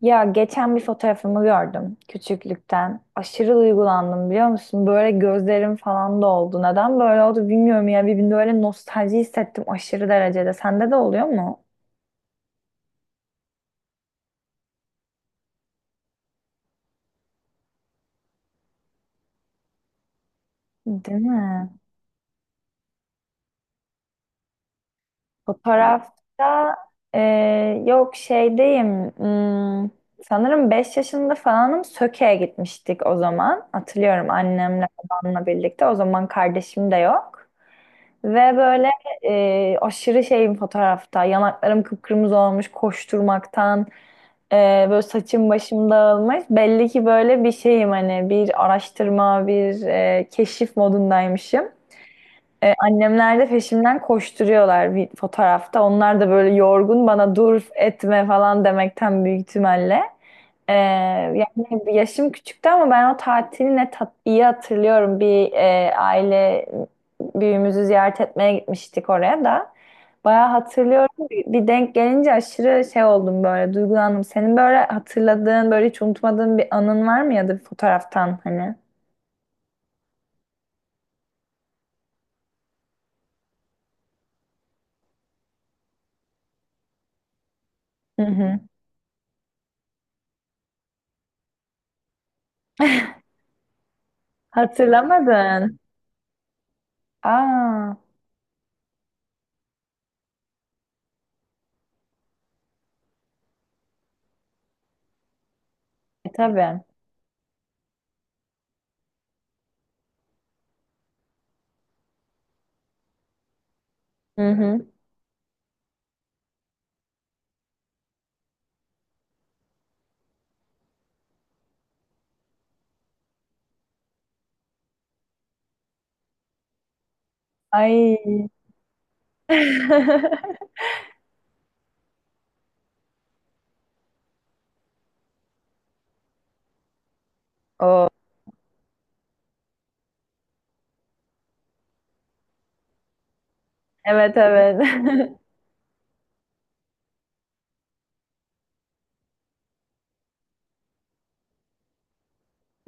Ya geçen bir fotoğrafımı gördüm küçüklükten. Aşırı duygulandım biliyor musun? Böyle gözlerim falan doldu. Neden böyle oldu bilmiyorum ya. Bir böyle nostalji hissettim aşırı derecede. Sende de oluyor mu? Değil mi? Fotoğrafta e, yok şeydeyim. Hmm, Sanırım 5 yaşında falanım Söke'ye gitmiştik o zaman. Hatırlıyorum annemle babamla birlikte. O zaman kardeşim de yok. Ve böyle aşırı şeyim fotoğrafta. Yanaklarım kıpkırmızı olmuş koşturmaktan. E, Böyle saçım başım dağılmış. Belli ki böyle bir şeyim hani bir araştırma, bir keşif modundaymışım. Annemler de peşimden koşturuyorlar bir fotoğrafta. Onlar da böyle yorgun bana dur etme falan demekten büyük ihtimalle. Yani yaşım küçüktü ama ben o tatili ne tat iyi hatırlıyorum. Bir aile büyüğümüzü ziyaret etmeye gitmiştik oraya da. Bayağı hatırlıyorum. Bir denk gelince aşırı şey oldum böyle duygulandım. Senin böyle hatırladığın böyle hiç unutmadığın bir anın var mı ya da bir fotoğraftan hani? Hı hı. Hatırlamadın. Aa, tabii. Hı hı. Ay. O. Evet, evet.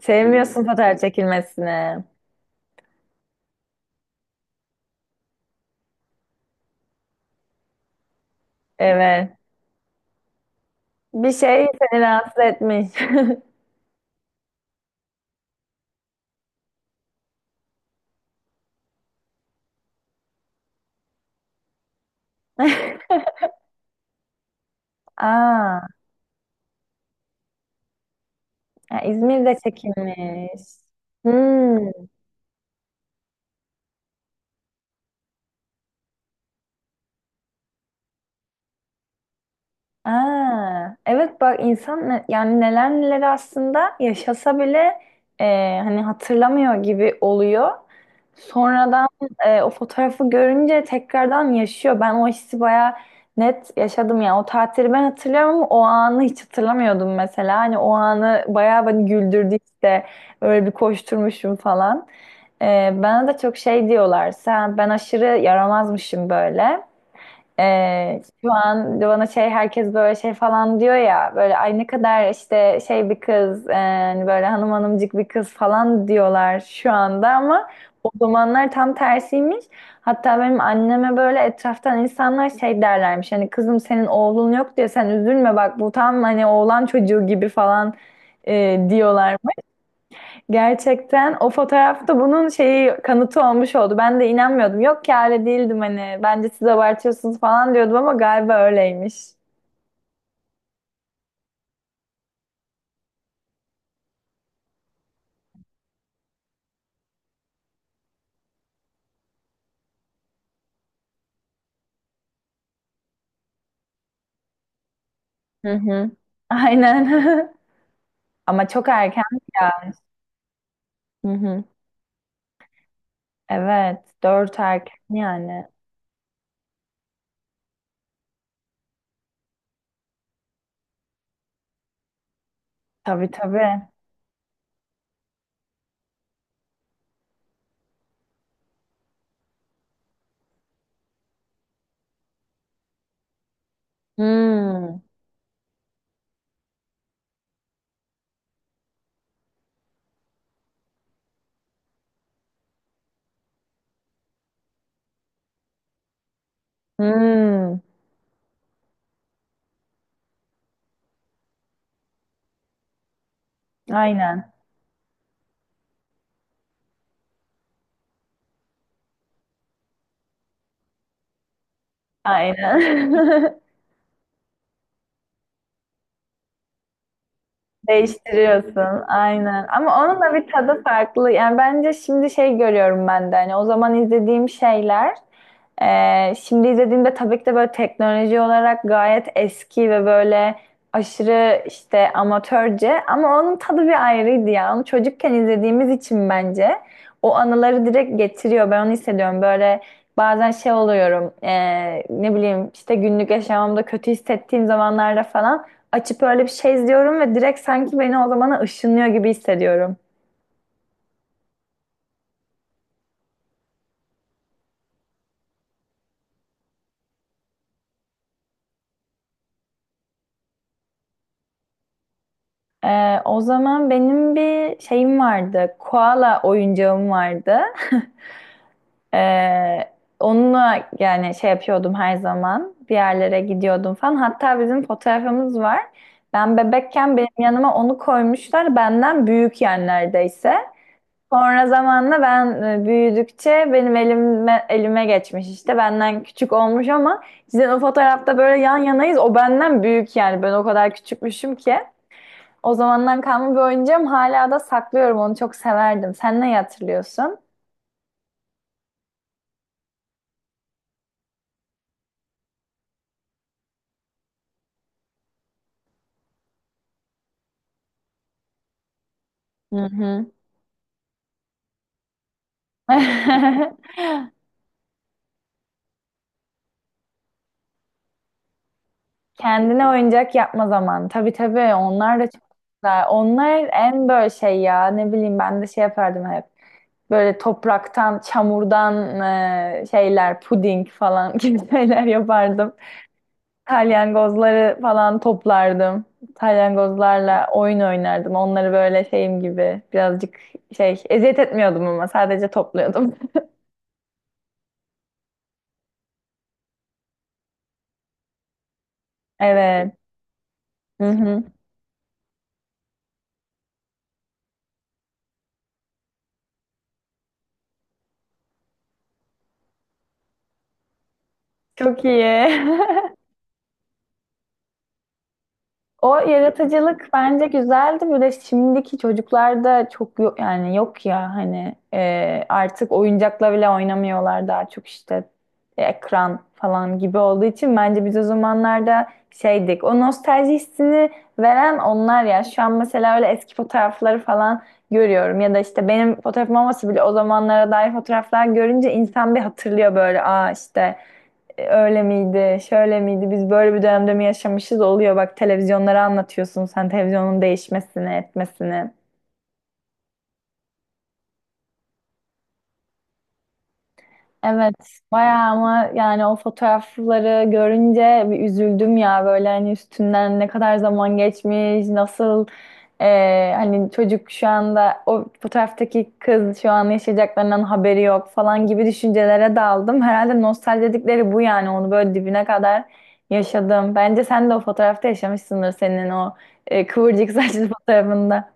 Sevmiyorsun fotoğraf çekilmesini. Evet. Bir şey seni rahatsız etmiş. Aa, ya İzmir'de çekilmiş. Hmm. Aa, evet, bak insan yani neler neler aslında yaşasa bile e, hani hatırlamıyor gibi oluyor. Sonradan o fotoğrafı görünce tekrardan yaşıyor. Ben o hissi bayağı net yaşadım yani. O tatili ben hatırlıyorum ama o anı hiç hatırlamıyordum mesela. Hani o anı bayağı beni güldürdü işte. Öyle bir koşturmuşum falan. Bana da çok şey diyorlar. Sen ben aşırı yaramazmışım böyle. Şu an bana şey herkes böyle şey falan diyor ya, böyle ay ne kadar işte şey bir kız hani böyle hanım hanımcık bir kız falan diyorlar şu anda ama o zamanlar tam tersiymiş. Hatta benim anneme böyle etraftan insanlar şey derlermiş, hani kızım senin oğlun yok diye sen üzülme bak, bu tam hani oğlan çocuğu gibi falan diyorlar. Gerçekten o fotoğrafta bunun şeyi, kanıtı olmuş oldu. Ben de inanmıyordum. Yok ki, öyle değildim hani. Bence siz abartıyorsunuz falan diyordum ama galiba öyleymiş. Hı hı. Aynen. Ama çok erken ya. Hı hı. Evet. 4 erken yani. Tabii, tabii. Hmm. Hmm. Aynen. Aynen. Değiştiriyorsun aynen ama onun da bir tadı farklı yani, bence şimdi şey görüyorum ben de hani o zaman izlediğim şeyler şimdi izlediğimde tabii ki de böyle teknoloji olarak gayet eski ve böyle aşırı işte amatörce, ama onun tadı bir ayrıydı ya. Onu çocukken izlediğimiz için bence o anıları direkt getiriyor. Ben onu hissediyorum. Böyle bazen şey oluyorum ne bileyim işte günlük yaşamımda kötü hissettiğim zamanlarda falan açıp öyle bir şey izliyorum ve direkt sanki beni o zamana ışınlıyor gibi hissediyorum. O zaman benim bir şeyim vardı. Koala oyuncağım vardı. Ee, Onunla yani şey yapıyordum her zaman. Bir yerlere gidiyordum falan. Hatta bizim fotoğrafımız var. Ben bebekken benim yanıma onu koymuşlar. Benden büyük yani, neredeyse. Sonra zamanla ben büyüdükçe benim elime geçmiş işte. Benden küçük olmuş ama sizin o fotoğrafta böyle yan yanayız. O benden büyük yani. Ben o kadar küçükmüşüm ki. O zamandan kalma bir oyuncağım. Hala da saklıyorum. Onu çok severdim. Sen ne hatırlıyorsun? Hı hı. Kendine oyuncak yapma zaman. Tabii, tabii, onlar da çok güzel. Onlar en böyle şey ya, ne bileyim, ben de şey yapardım hep. Böyle topraktan, çamurdan şeyler, puding falan gibi şeyler yapardım. Salyangozları falan toplardım. Salyangozlarla oyun oynardım. Onları böyle şeyim gibi birazcık şey, eziyet etmiyordum ama sadece topluyordum. Evet. Hı hı. Çok iyi. O yaratıcılık bence güzeldi. Bir de şimdiki çocuklarda çok yok yani, yok ya hani artık oyuncakla bile oynamıyorlar, daha çok işte ekran falan gibi olduğu için bence biz o zamanlarda şeydik. O nostalji hissini veren onlar ya. Şu an mesela öyle eski fotoğrafları falan görüyorum ya da işte benim fotoğrafım olmasa bile o zamanlara dair fotoğraflar görünce insan bir hatırlıyor böyle, aa işte öyle miydi, şöyle miydi, biz böyle bir dönemde mi yaşamışız oluyor. Bak televizyonlara anlatıyorsun sen televizyonun değişmesini, etmesini. Evet, bayağı, ama yani o fotoğrafları görünce bir üzüldüm ya böyle, hani üstünden ne kadar zaman geçmiş, nasıl hani çocuk şu anda, o fotoğraftaki kız şu an yaşayacaklarından haberi yok falan gibi düşüncelere daldım. Herhalde nostalji dedikleri bu yani, onu böyle dibine kadar yaşadım. Bence sen de o fotoğrafta yaşamışsındır senin o kıvırcık saçlı fotoğrafında.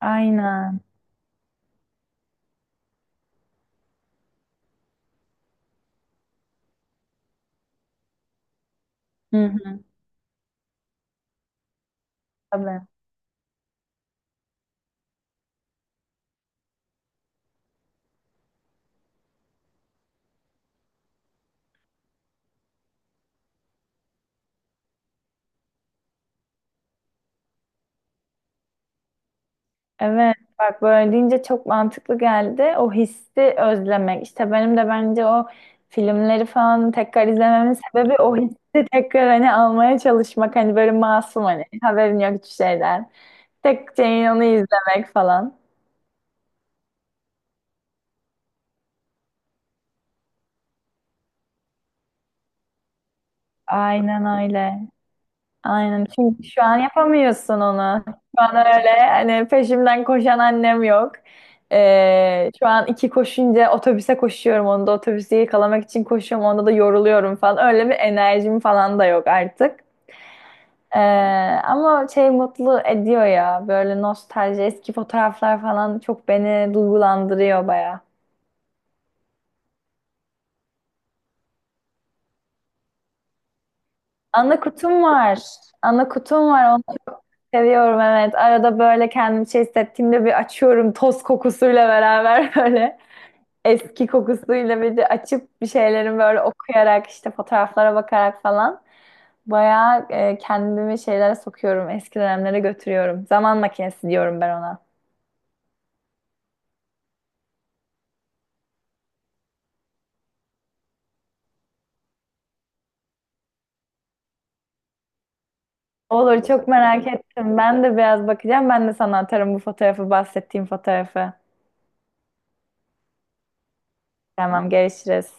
Aynen. Hı hı. Tabii. Evet, bak böyle deyince çok mantıklı geldi. O hissi özlemek. İşte benim de bence o filmleri falan tekrar izlememin sebebi o hissi tekrar hani almaya çalışmak. Hani böyle masum, hani haberin yok hiçbir şeyden. Tek şeyin onu izlemek falan. Aynen öyle. Aynen. Çünkü şu an yapamıyorsun onu. Şu an öyle hani peşimden koşan annem yok. Şu an iki koşunca otobüse koşuyorum. Onda otobüsü yakalamak için koşuyorum. Onda da yoruluyorum falan. Öyle bir enerjim falan da yok artık. Ee, Ama şey mutlu ediyor ya. Böyle nostalji, eski fotoğraflar falan çok beni duygulandırıyor baya. Ana kutum var. Ana kutum var. Seviyorum, evet. Arada böyle kendim şey hissettiğimde bir açıyorum, toz kokusuyla beraber böyle eski kokusuyla bir de açıp bir şeylerin böyle okuyarak işte, fotoğraflara bakarak falan bayağı kendimi şeylere sokuyorum. Eski dönemlere götürüyorum. Zaman makinesi diyorum ben ona. Olur, çok merak ettim. Ben de biraz bakacağım. Ben de sana atarım bu fotoğrafı, bahsettiğim fotoğrafı. Tamam, görüşürüz.